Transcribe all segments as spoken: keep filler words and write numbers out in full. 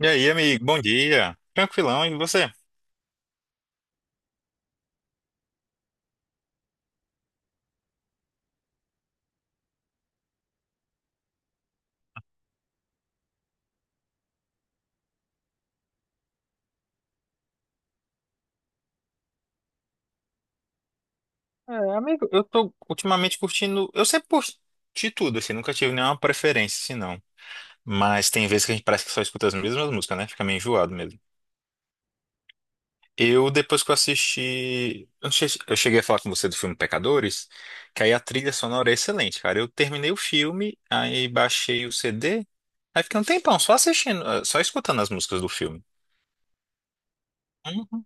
E aí, amigo, bom dia. Tranquilão, e você? É, amigo, eu tô ultimamente curtindo. Eu sempre curti tudo, assim, nunca tive nenhuma preferência, assim, não. Mas tem vezes que a gente parece que só escuta as mesmas músicas, né? Fica meio enjoado mesmo. Eu, depois que eu assisti. Eu não sei se- eu cheguei a falar com você do filme Pecadores, que aí a trilha sonora é excelente, cara. Eu terminei o filme, aí baixei o C D, aí fiquei um tempão só assistindo, eh, só escutando as músicas do filme. Hum.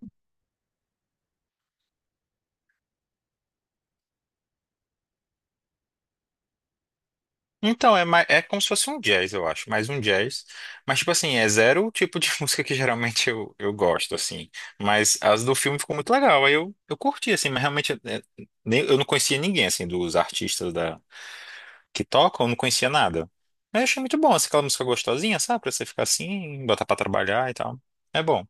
Então, é, mais, é como se fosse um jazz, eu acho, mais um jazz. Mas, tipo assim, é zero o tipo de música que geralmente eu, eu gosto, assim. Mas as do filme ficou muito legal, aí eu, eu curti, assim, mas realmente é, é, nem- eu não conhecia ninguém, assim, dos artistas da, que tocam, eu não conhecia nada. Mas eu achei muito bom, assim, aquela música gostosinha, sabe? Pra você ficar assim, botar pra trabalhar e tal. É bom.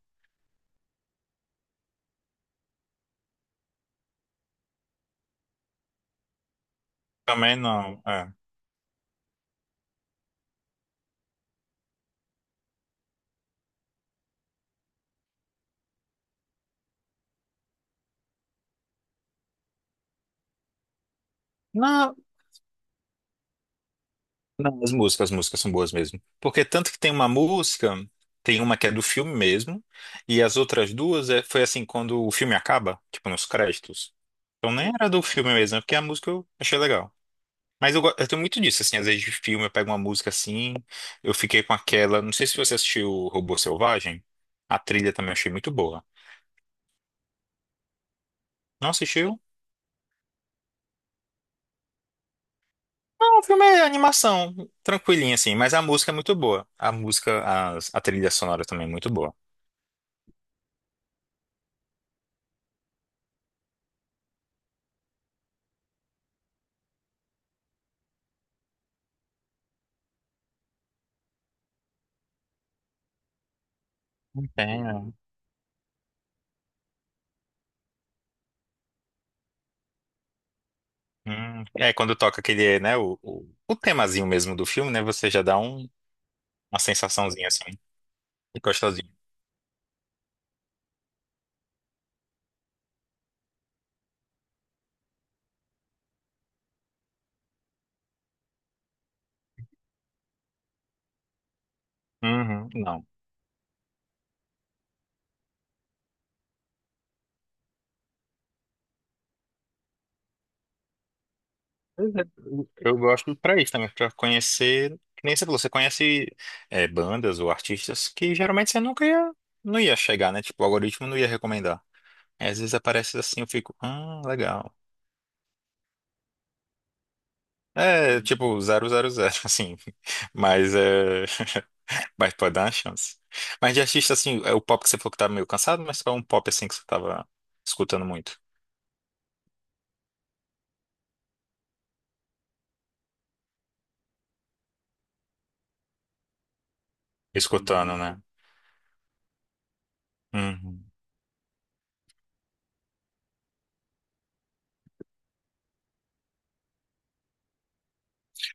Também não, é. Não, não, as músicas, as músicas são boas mesmo. Porque tanto que tem uma música, tem uma que é do filme mesmo, e as outras duas é, foi assim, quando o filme acaba, tipo nos créditos. Então nem era do filme mesmo, é porque a música eu achei legal. Mas eu, go- eu tenho muito disso, assim, às vezes de filme eu pego uma música assim, eu fiquei com aquela. Não sei se você assistiu o Robô Selvagem, a trilha também eu achei muito boa. Não assistiu? Não, o filme é animação, tranquilinha assim, mas a música é muito boa. A música, a, a trilha sonora também é muito boa. Entendo. Hum, é quando toca aquele, né, o, o, o temazinho mesmo do filme, né? Você já dá um, uma sensaçãozinha assim, gostosinho. Uhum, não. Pois é, eu gosto pra isso também, pra conhecer, que nem você falou, você conhece é, bandas ou artistas que geralmente você nunca ia, não ia chegar, né? Tipo, o algoritmo não ia recomendar. Aí, às vezes aparece assim, eu fico, ah, legal. É, tipo, zero zero zero assim, mas é, mas pode dar uma chance. Mas de artista, assim, é o pop que você falou que tá meio cansado, mas qual é um pop, assim, que você tava escutando muito? Escutando, né? Uhum.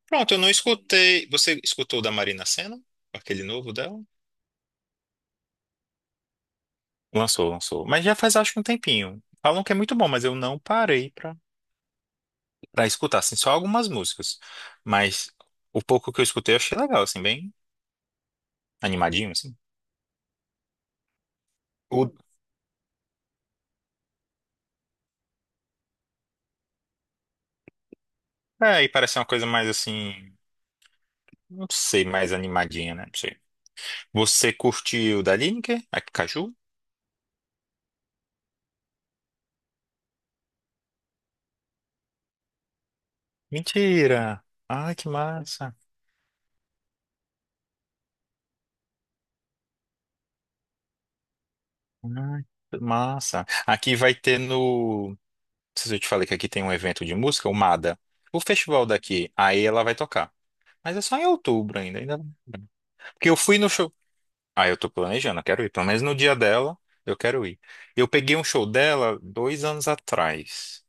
Pronto, eu não escutei, você escutou o da Marina Sena? Aquele novo dela? Lançou, lançou. Mas já faz acho que um tempinho. Falam que é muito bom, mas eu não parei pra, pra escutar, assim, só algumas músicas. Mas o pouco que eu escutei eu achei legal, assim, bem animadinho, assim. O- É, e parece uma coisa mais assim, não sei, mais animadinha, né? Não sei. Você curtiu da Lineker? A Caju? Mentira! Ai, que massa! Ai, que massa! Aqui vai ter no. Não sei se eu te falei que aqui tem um evento de música, o mada. O festival daqui, aí ela vai tocar. Mas é só em outubro ainda, ainda. Porque eu fui no show. Ah, eu tô planejando, eu quero ir. Pelo menos no dia dela, eu quero ir. Eu peguei um show dela dois anos atrás.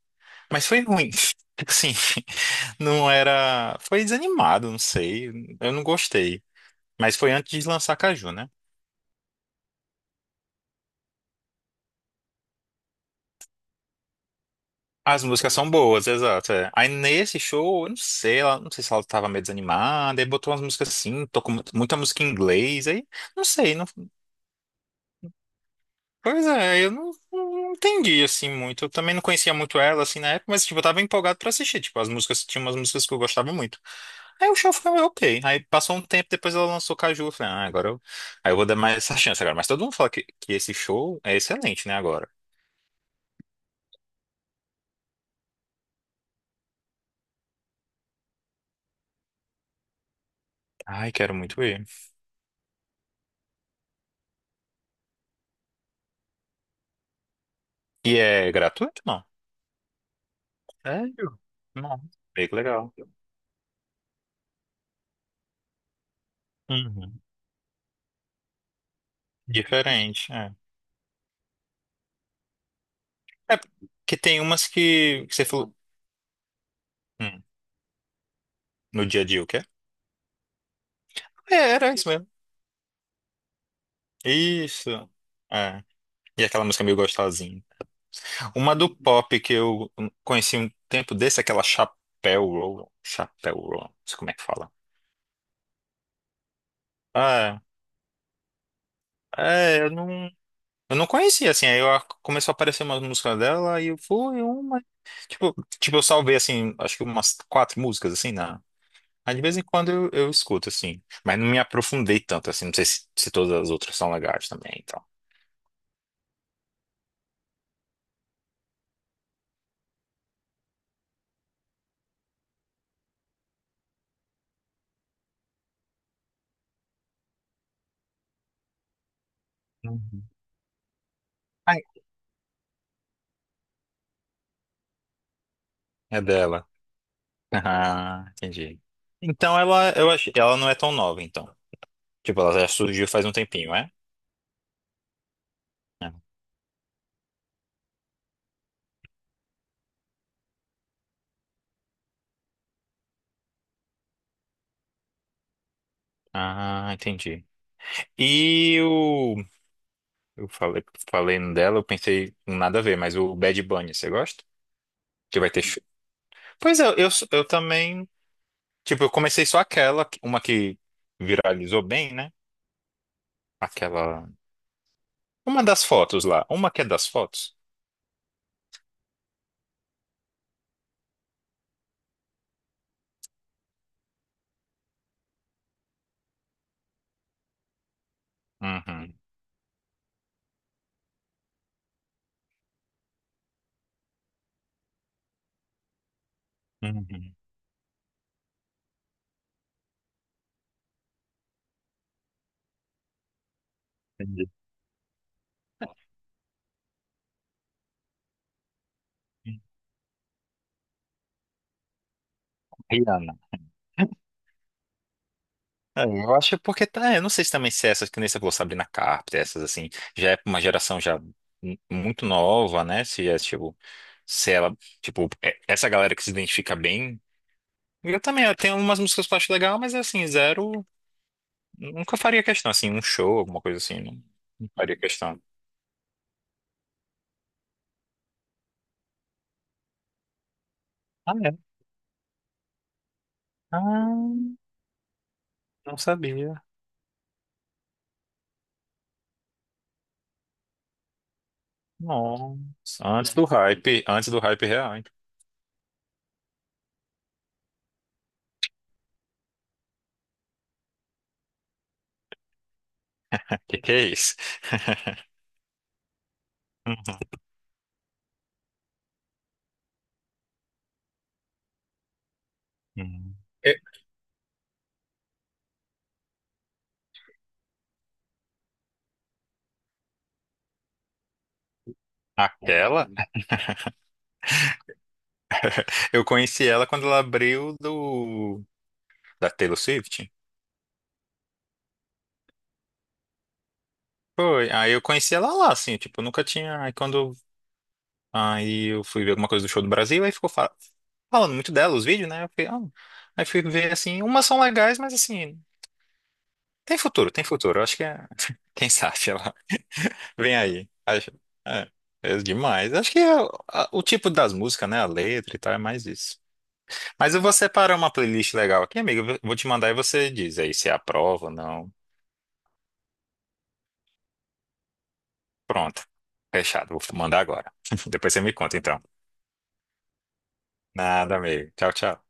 Mas foi ruim. Tipo assim, não era. Foi desanimado, não sei. Eu não gostei. Mas foi antes de lançar Caju, né? As músicas são boas, exato. É. Aí nesse show, eu não sei, ela, não sei se ela tava meio desanimada, aí botou umas músicas assim, tocou mu- muita música em inglês, aí não sei, não. Pois é, eu não, não entendi assim muito. Eu também não conhecia muito ela assim na época, mas tipo, eu tava empolgado pra assistir, tipo, as músicas, tinha umas músicas que eu gostava muito. Aí o show foi ok. Aí passou um tempo, depois ela lançou Caju, eu falei, ah, agora eu, aí eu vou dar mais essa chance agora. Mas todo mundo fala que, que esse show é excelente, né, agora. Ai, quero muito ver. E é gratuito? Não. Sério? Não. Bem que legal. Uhum. Diferente, é. É porque tem umas que, que você falou, hum, no dia a dia, o quê? É, era isso mesmo. Isso. É. E aquela música meio gostosinha. Uma do pop que eu conheci um tempo desse, aquela Chapéu Roll. Chapéu Roll, não sei como é que fala. Ah, é, eu não, eu não conhecia, assim. Aí eu, a- começou a aparecer umas músicas dela e eu fui uma. Tipo, tipo, eu salvei, assim, acho que umas quatro músicas, assim. Mas de vez em quando eu, eu escuto, assim. Mas não me aprofundei tanto, assim. Não sei se, se todas as outras são legais também, então. Uhum. Ai. É dela. Ah, entendi. Então ela, eu achei, ela não é tão nova, então. Tipo, ela já surgiu faz um tempinho, é? É. Ah, entendi. E o. Eu falei, falei dela, eu pensei nada a ver, mas o Bad Bunny, você gosta? Que vai ter. sh- Pois é, eu, eu também. Tipo, eu comecei só aquela, uma que viralizou bem, né? Aquela. Uma das fotos lá. Uma que é das fotos. Uhum. Uhum. Entendi. Rihanna. É, eu acho porque tá, eu não sei se também se é essas que nem você falou, Sabrina Carpenter, essas assim, já é pra uma geração já mu- muito nova, né? Se é tipo, se ela, tipo, é- essa galera que se identifica bem. Eu também, eu tenho umas músicas que eu acho legal, mas assim, zero. Nunca faria questão, assim, um show, alguma coisa assim, não, não faria questão. Ah, é? Ah, não sabia. Nossa. Antes do hype, antes do hype real, hein? Que que é isso? Uhum. Eu- Aquela? Eu conheci ela quando ela abriu do da Taylor Swift. Foi, aí eu conheci ela lá, assim, tipo, eu nunca tinha. Aí quando aí eu fui ver alguma coisa do show do Brasil, aí ficou fa- falando muito dela, os vídeos, né? Eu fiquei, ah. Aí fui ver assim, umas são legais, mas assim, tem futuro, tem futuro. Eu acho que é. Quem sabe ela vem aí. Acho... É, é demais. Acho que é o a- o tipo das músicas, né? A letra e tal, é mais isso. Mas eu vou separar uma playlist legal aqui, amigo. Eu vou te mandar e você diz aí se aprova ou não. Pronto. Fechado. Vou mandar agora. Depois você me conta, então. Nada, amigo. Tchau, tchau.